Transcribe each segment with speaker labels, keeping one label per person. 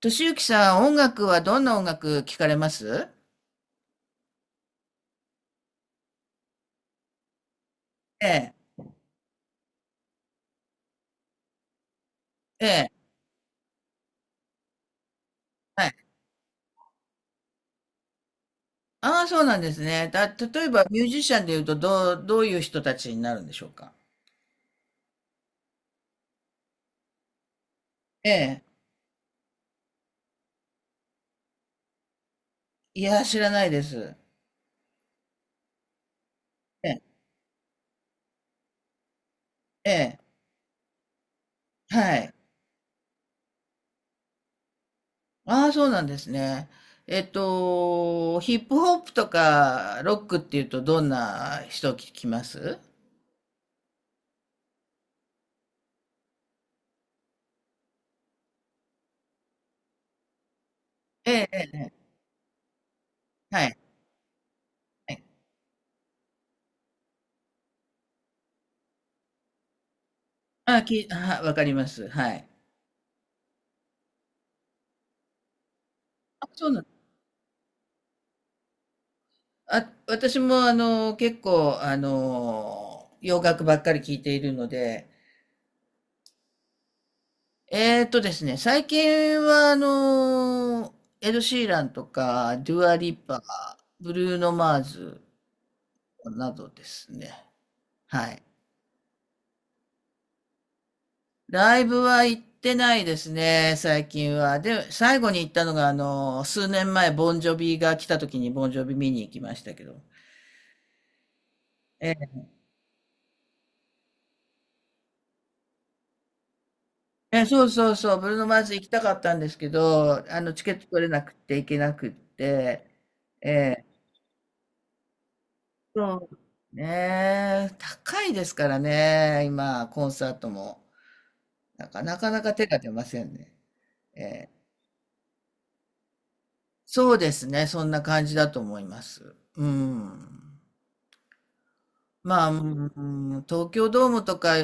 Speaker 1: 俊之さん、音楽はどんな音楽聞かれます？ええ、ええ、はい。ああ、そうなんですね。例えばミュージシャンでいうと、どういう人たちになるんでしょうか？ええ、いや、知らないです。ええ、ええ、はい。ああ、そうなんですね。えっと、ヒップホップとかロックっていうと、どんな人聞きます？ええ、ええ、はい。はい。ああ、わかります。はい。あ、そうなん、あ、私もあの、結構あの、洋楽ばっかり聴いているので、えーとですね、最近はあの、エド・シーランとか、デュア・リッパー、ブルーノ・マーズなどですね。はい。ライブは行ってないですね、最近は。で、最後に行ったのがあの、数年前、ボンジョビが来た時にボンジョビ見に行きましたけど。え、そうそうそう、ブルーノ・マーズ行きたかったんですけど、あの、チケット取れなくて行けなくって、ええ、そうね、高いですからね、今、コンサートも。なんかなかなか手が出ませんね。ええ、そうですね、そんな感じだと思います。うん。まあ、うん、東京ドームとか、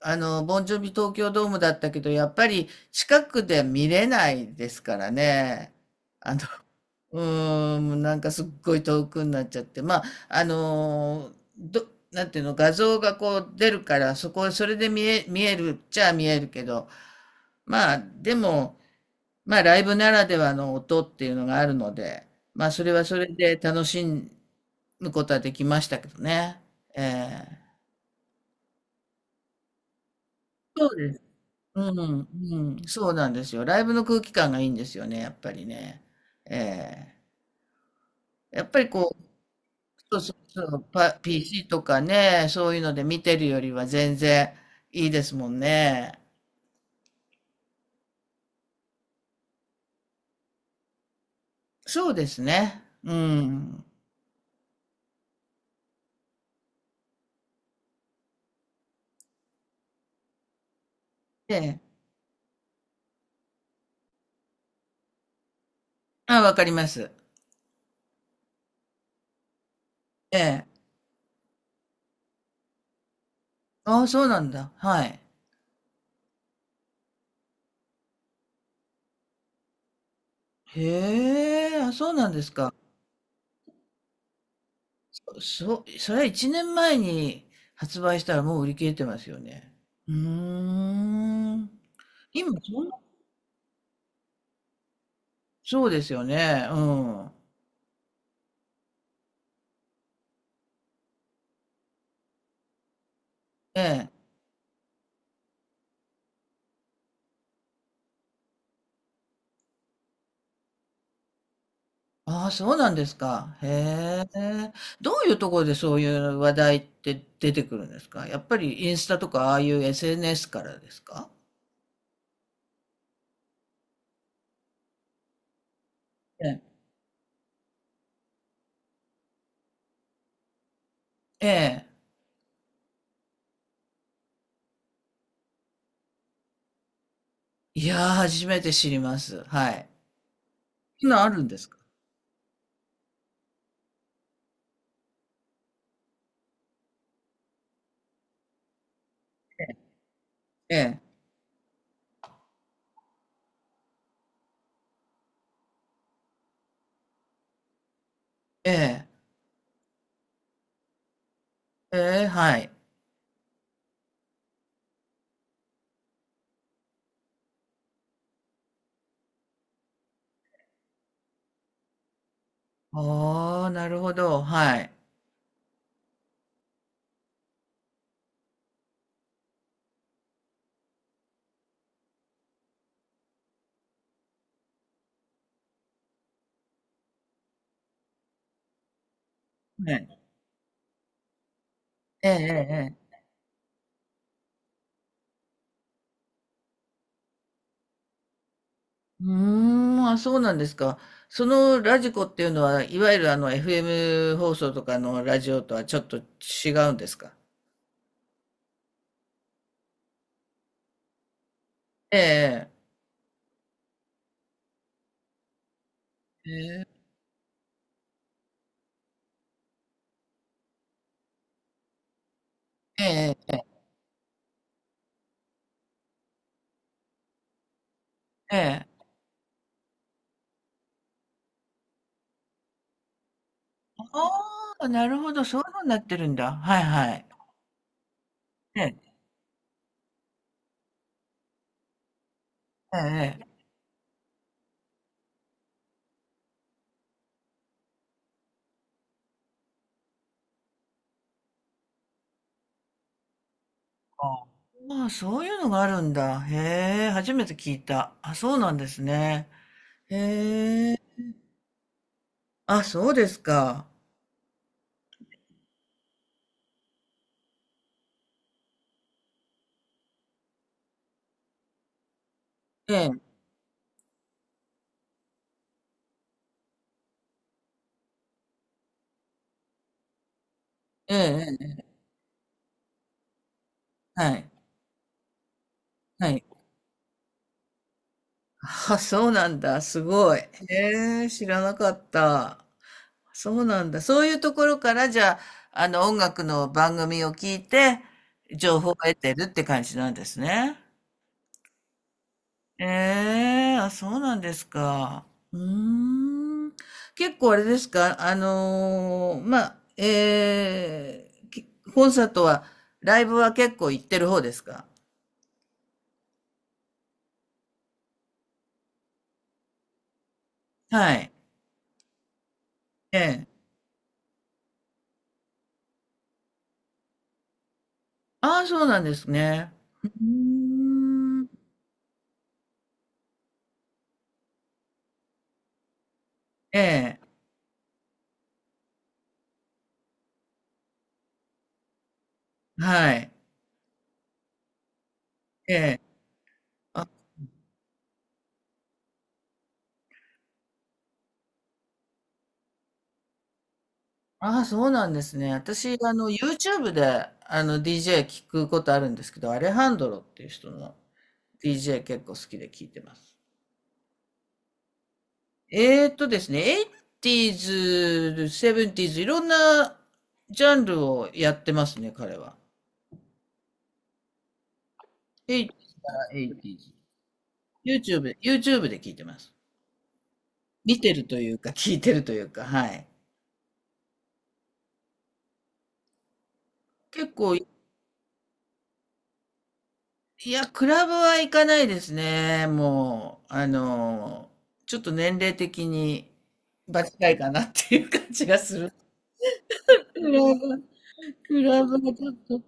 Speaker 1: あの、ボンジョビ東京ドームだったけど、やっぱり近くで見れないですからね。あの、うーん、なんかすっごい遠くになっちゃって、まあ、あのーど、なんていうの、画像がこう出るから、そこ、それで見えるっちゃ見えるけど、まあ、でも、まあ、ライブならではの音っていうのがあるので、まあ、それはそれで楽しむことはできましたけどね。ええ、そうです。うん、うん、そうなんですよ。ライブの空気感がいいんですよね、やっぱりね。ええ、やっぱりこう、そうそうそう、PC とかね、そういうので見てるよりは全然いいですもんね。そうですね。うん。ええ。あ、わかります。ええ。あ、そうなんだ。はい。へえ、あ、そうなんですか。それは1年前に発売したらもう売り切れてますよね。うーん。今、そんな、そうですよね。うん。ええ。ああ、そうなんですか。へえ。どういうところでそういう話題って出てくるんですか？やっぱりインスタとかああいう SNS からですか？ええ。ええ。いやー、初めて知ります。はい。そんなんあるんですか？ええ。ええ。ええ、はい。ああ、なるほど。はい。ええ。ええ、ええ。うーん、あ、そうなんですか。そのラジコっていうのは、いわゆるあの FM 放送とかのラジオとはちょっと違うんですか？ええ。ええ、ええ、ええ。ああ、なるほど、そういう風になってるんだ。はいはい。ええ、ええ、ええ。ああ、まあ、そういうのがあるんだ。へえ、初めて聞いた。あ、そうなんですね。へえ、あ、そうですか。ええ、ええ、ええ、はい、はい。あ、そうなんだ。すごい。へえ、知らなかった。そうなんだ。そういうところから、じゃあ、あの、音楽の番組を聞いて、情報を得てるって感じなんですね。ええ、あ、そうなんですか。うーん。結構あれですか？あのーまあ、ええきコンサートは、ライブは結構行ってる方ですか？はい。ええ。ああ、そうなんですね。うーん。ええ。はい。ええ。あ、ああ、そうなんですね。私、あの、YouTube で、あの、DJ 聞くことあるんですけど、アレハンドロっていう人の DJ 結構好きで聞いてます。ですね、エイティーズ、セブンティーズ、いろんなジャンルをやってますね、彼は。エイタエイティーズ。YouTube で聞いてます。見てるというか、聞いてるというか、はい。結構、いや、クラブは行かないですね。もう、あの、ちょっと年齢的に場違いかなっていう感じがする。クラブ、クラブはちょっと、う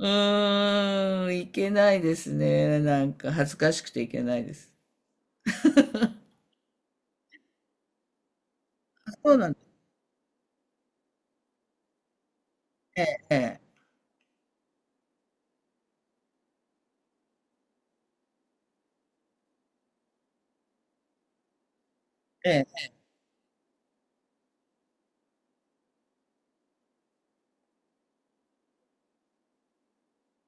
Speaker 1: ーん、行けないですね。なんか恥ずかしくて行けないです。そうなんです。ええ、ええ、ええ。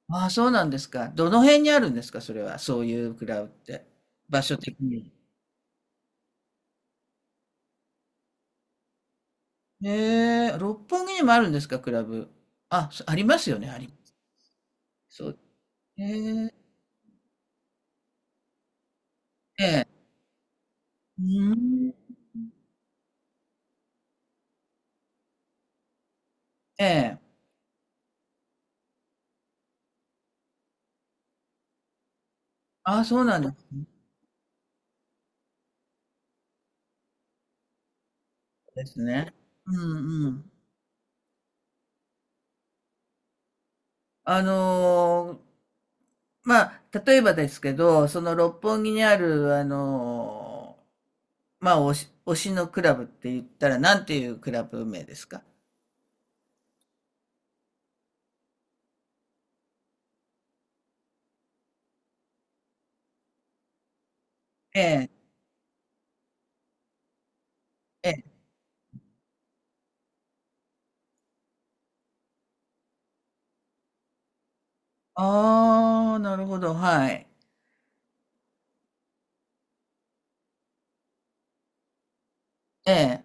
Speaker 1: ああ、そうなんですか。どの辺にあるんですか、それは。そういうクラブって。場所的に。へえ、六本木にもあるんですか、クラブ。あ、そ、ありますよね、あり。そう。へえ、ええ。うん。ええ。ああ、そうなんですね。ですね。うんうん。あのーまあ、例えばですけど、その六本木にある、あのーまあ、推しのクラブって言ったら、なんていうクラブ名ですか？ええ、ええ。ああ、なるほど、はい。ええ。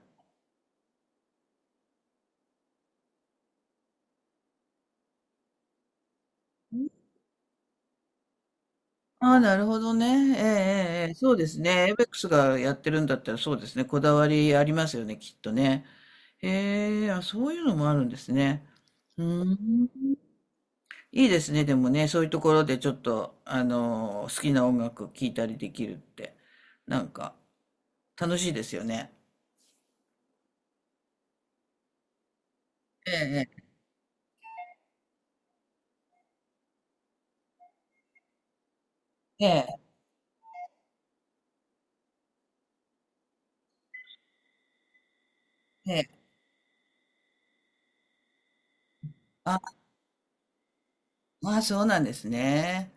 Speaker 1: ああ、なるほどね。ええ、ええ、ええ、そうですね。エイベックスがやってるんだったらそうですね。こだわりありますよね、きっとね。へえ、あ、そういうのもあるんですね。うーん。いいですね、でもね、そういうところでちょっと、あのー好きな音楽聴いたりできるって、なんか、楽しいですよね。ええ、ええ、ええ、あ、まあ、そうなんですね。